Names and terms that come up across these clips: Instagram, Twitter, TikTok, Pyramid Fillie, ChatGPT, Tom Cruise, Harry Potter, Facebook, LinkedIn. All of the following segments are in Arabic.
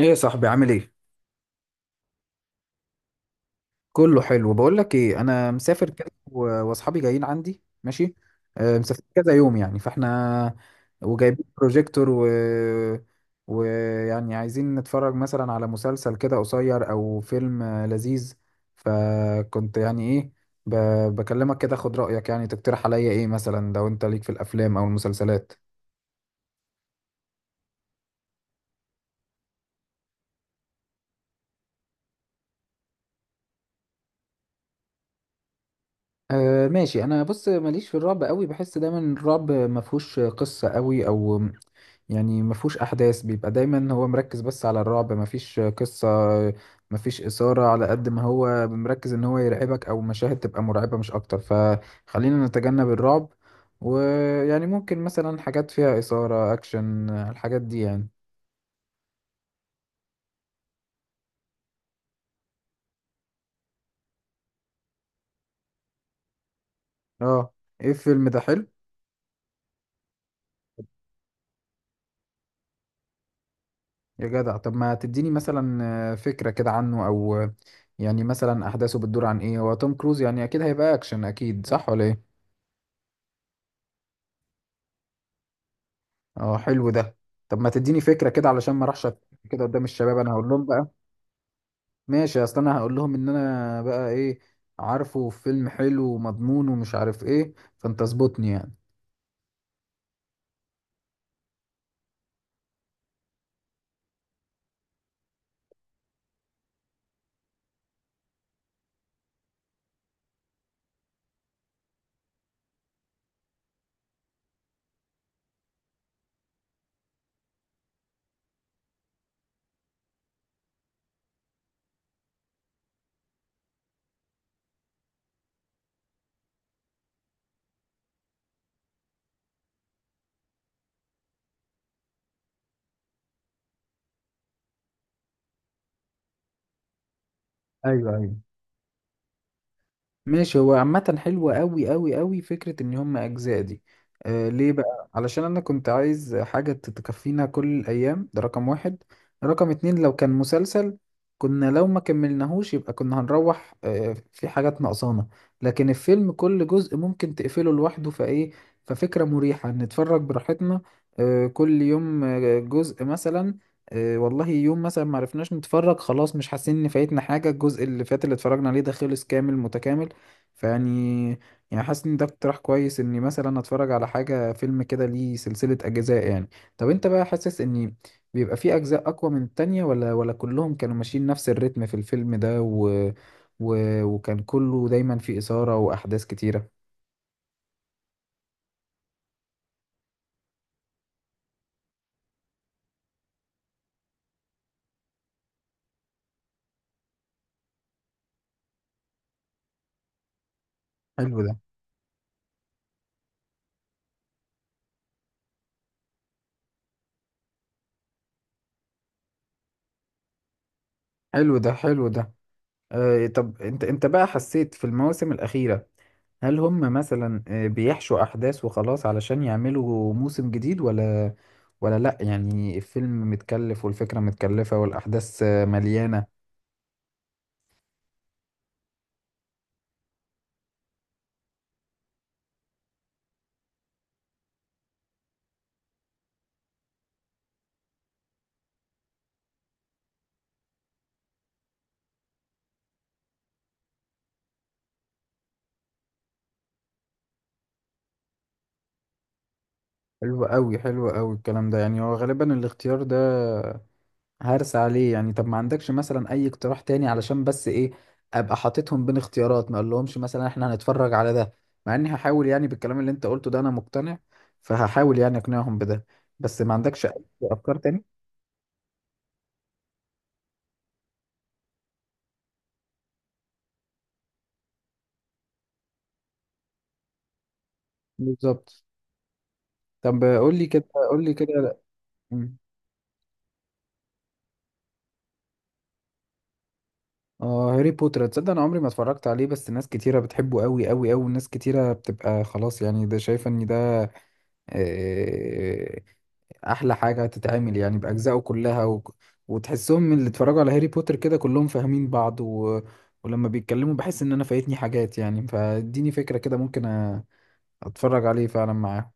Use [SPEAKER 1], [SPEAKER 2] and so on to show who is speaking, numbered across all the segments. [SPEAKER 1] ايه يا صاحبي عامل ايه؟ كله حلو. بقول لك ايه، انا مسافر كده واصحابي جايين عندي، ماشي. مسافرين كذا يوم يعني، فاحنا وجايبين بروجيكتور و ويعني عايزين نتفرج مثلا على مسلسل كده قصير او فيلم لذيذ. فكنت يعني ايه ب... بكلمك كده، خد رأيك يعني، تقترح عليا ايه مثلا لو انت ليك في الافلام او المسلسلات. أه ماشي. انا بص ماليش في الرعب قوي، بحس دايما الرعب ما فيهوش قصة قوي، او يعني ما فيهوش احداث، بيبقى دايما هو مركز بس على الرعب، ما فيش قصة، ما فيش إثارة، على قد ما هو مركز ان هو يرعبك او مشاهد تبقى مرعبة مش اكتر. فخلينا نتجنب الرعب، ويعني ممكن مثلا حاجات فيها إثارة، اكشن، الحاجات دي يعني. اه، ايه الفيلم ده؟ حلو. يا جدع، طب ما تديني مثلا فكرة كده عنه، او يعني مثلا احداثه بتدور عن ايه؟ هو توم كروز يعني اكيد هيبقى اكشن اكيد، صح ولا ايه؟ اه حلو ده. طب ما تديني فكرة كده علشان ما اروحش أتكلم كده قدام الشباب، انا هقول لهم بقى. ماشي، اصل انا هقول لهم ان انا بقى ايه، عارفه فيلم حلو ومضمون ومش عارف ايه، فانت اظبطني يعني. ايوه ايوه. ماشي، هو عامة حلوة أوي أوي أوي فكرة إن هم أجزاء دي. آه ليه بقى؟ علشان أنا كنت عايز حاجة تكفينا كل الأيام، ده رقم واحد. رقم اتنين، لو كان مسلسل كنا لو ما كملناهوش يبقى كنا هنروح آه في حاجات ناقصانا، لكن الفيلم كل جزء ممكن تقفله لوحده، فإيه، ففكرة مريحة نتفرج براحتنا، آه كل يوم جزء مثلا. والله يوم مثلا ما عرفناش نتفرج خلاص، مش حاسين ان فايتنا حاجه، الجزء اللي فات اللي اتفرجنا عليه ده خلص كامل متكامل. فيعني، يعني حاسس ان ده اقتراح كويس اني مثلا اتفرج على حاجه فيلم كده ليه سلسله اجزاء يعني. طب انت بقى حاسس ان بيبقى فيه اجزاء اقوى من التانية، ولا كلهم كانوا ماشيين نفس الريتم في الفيلم ده وكان كله دايما فيه اثاره واحداث كتيره؟ حلو ده، حلو ده، حلو ده. آه طب انت بقى حسيت في المواسم الاخيره، هل هم مثلا بيحشوا احداث وخلاص علشان يعملوا موسم جديد، ولا لا يعني الفيلم متكلف والفكرة متكلفة والاحداث مليانة؟ حلو قوي، حلو قوي الكلام ده يعني، هو غالبا الاختيار ده هرس عليه يعني. طب ما عندكش مثلا اي اقتراح تاني، علشان بس ايه، ابقى حاططهم بين اختيارات، ما اقولهمش مثلا احنا هنتفرج على ده، مع اني هحاول يعني بالكلام اللي انت قلته ده انا مقتنع، فهحاول يعني اقنعهم بده، بس ما عندكش اي افكار تاني؟ بالظبط. طب قول لي كده. قول لي كده. لا. مم. اه هاري بوتر، تصدق انا عمري ما اتفرجت عليه، بس ناس كتيره بتحبه قوي قوي قوي، ناس كتيره بتبقى خلاص يعني ده شايفه ان ده آه، احلى حاجه تتعمل يعني باجزائه كلها وتحسهم من اللي اتفرجوا على هاري بوتر كده كلهم فاهمين بعض ولما بيتكلموا بحس ان انا فايتني حاجات يعني، فاديني فكره كده ممكن اتفرج عليه فعلا معاه.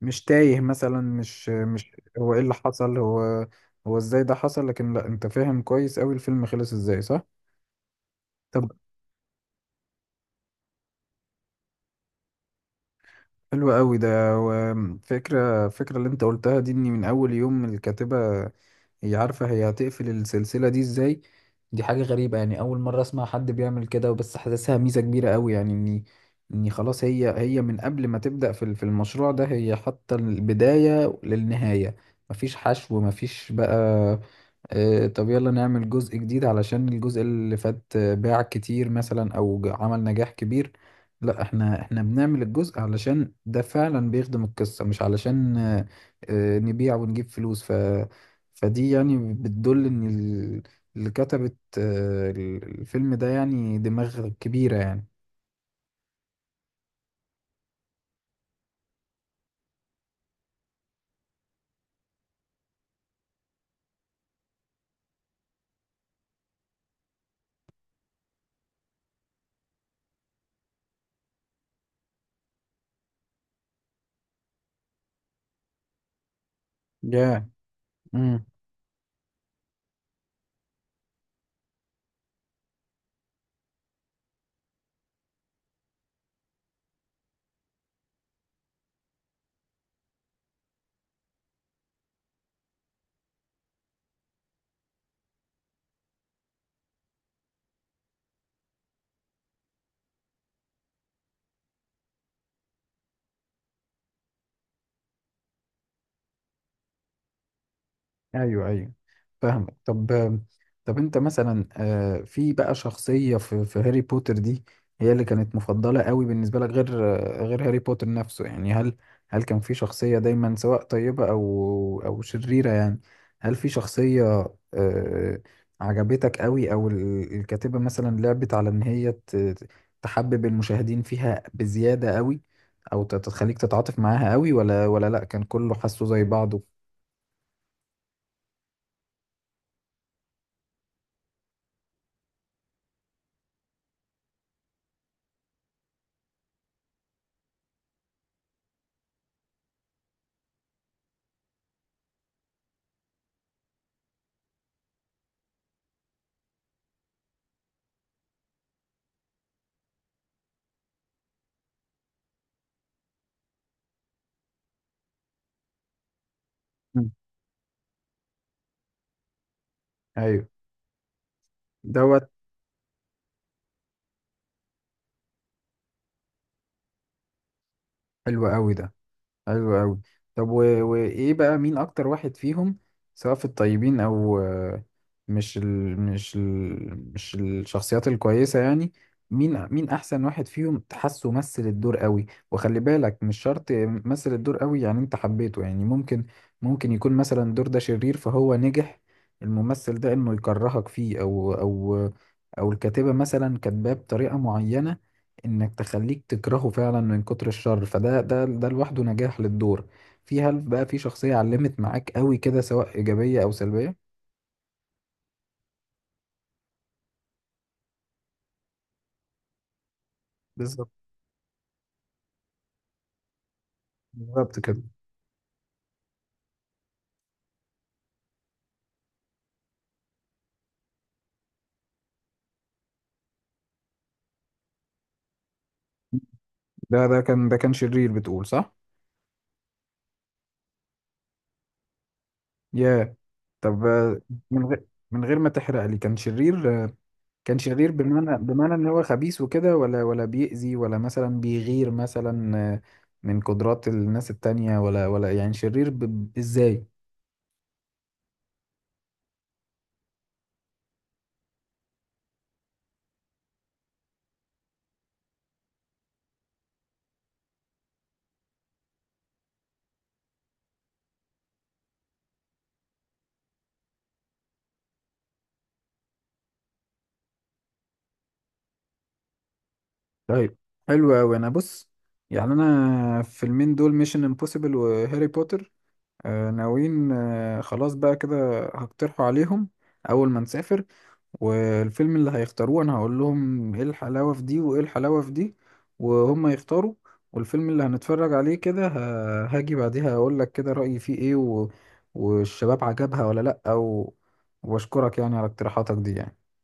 [SPEAKER 1] مش تايه مثلا، مش مش هو ايه اللي حصل، هو ازاي ده حصل، لكن لا انت فاهم كويس قوي الفيلم خلص ازاي، صح. طب حلو قوي ده. وفكرة اللي انت قلتها دي، اني من اول يوم الكاتبة هي عارفة هي هتقفل السلسلة دي ازاي، دي حاجة غريبة يعني، اول مرة اسمع حد بيعمل كده، وبس حاسسها ميزة كبيرة قوي يعني، اني خلاص هي من قبل ما تبدأ في في المشروع ده هي حاطة البداية للنهاية، مفيش حشو، مفيش بقى طب يلا نعمل جزء جديد علشان الجزء اللي فات باع كتير مثلا، او عمل نجاح كبير. لا احنا، بنعمل الجزء علشان ده فعلا بيخدم القصة، مش علشان نبيع ونجيب فلوس، ف فدي يعني بتدل ان اللي كتبت الفيلم ده يعني دماغ كبيرة يعني. ياه. yeah. ايوه ايوه، فاهمك. طب، طب انت مثلا في بقى شخصية في في هاري بوتر دي هي اللي كانت مفضلة قوي بالنسبة لك، غير غير هاري بوتر نفسه يعني، هل هل كان في شخصية دايما سواء طيبة او او شريرة يعني، هل في شخصية آه، عجبتك قوي، او الكاتبة مثلا لعبت على ان هي تحبب المشاهدين فيها بزيادة قوي، او تخليك تتعاطف معاها قوي، ولا لا كان كله حاسه زي بعضه؟ مم. ايوه. دوت. حلو قوي ده، حلو قوي. طب وايه بقى، مين اكتر واحد فيهم، سواء في الطيبين او مش الشخصيات الكويسة يعني، مين احسن واحد فيهم تحسه مثل الدور قوي؟ وخلي بالك مش شرط مثل الدور قوي يعني انت حبيته يعني، ممكن يكون مثلا الدور ده شرير فهو نجح الممثل ده انه يكرهك فيه، او الكاتبة مثلا كاتباه بطريقة معينة انك تخليك تكرهه فعلا من كتر الشر، فده ده ده لوحده نجاح للدور. في، هل بقى في شخصية علمت معاك قوي كده سواء إيجابية أو سلبية؟ بالظبط، بالظبط كده. ده، ده كان شرير بتقول، صح؟ يا، طب من غير، من غير ما تحرق لي، كان شرير كان شرير بمعنى، بمعنى ان هو خبيث وكده، ولا بيأذي، ولا مثلا بيغير مثلا من قدرات الناس التانية، ولا يعني شرير ازاي؟ طيب، حلو أوي. أنا بص، يعني أنا الفيلمين دول ميشن امبوسيبل وهاري بوتر آه ناويين آه خلاص بقى كده هقترحوا عليهم أول ما نسافر، والفيلم اللي هيختاروه أنا هقول لهم إيه الحلاوة في دي وإيه الحلاوة في دي، وهم يختاروا، والفيلم اللي هنتفرج عليه كده هاجي بعديها أقول لك كده رأيي فيه إيه والشباب عجبها ولا لأ وأشكرك يعني على اقتراحاتك دي يعني.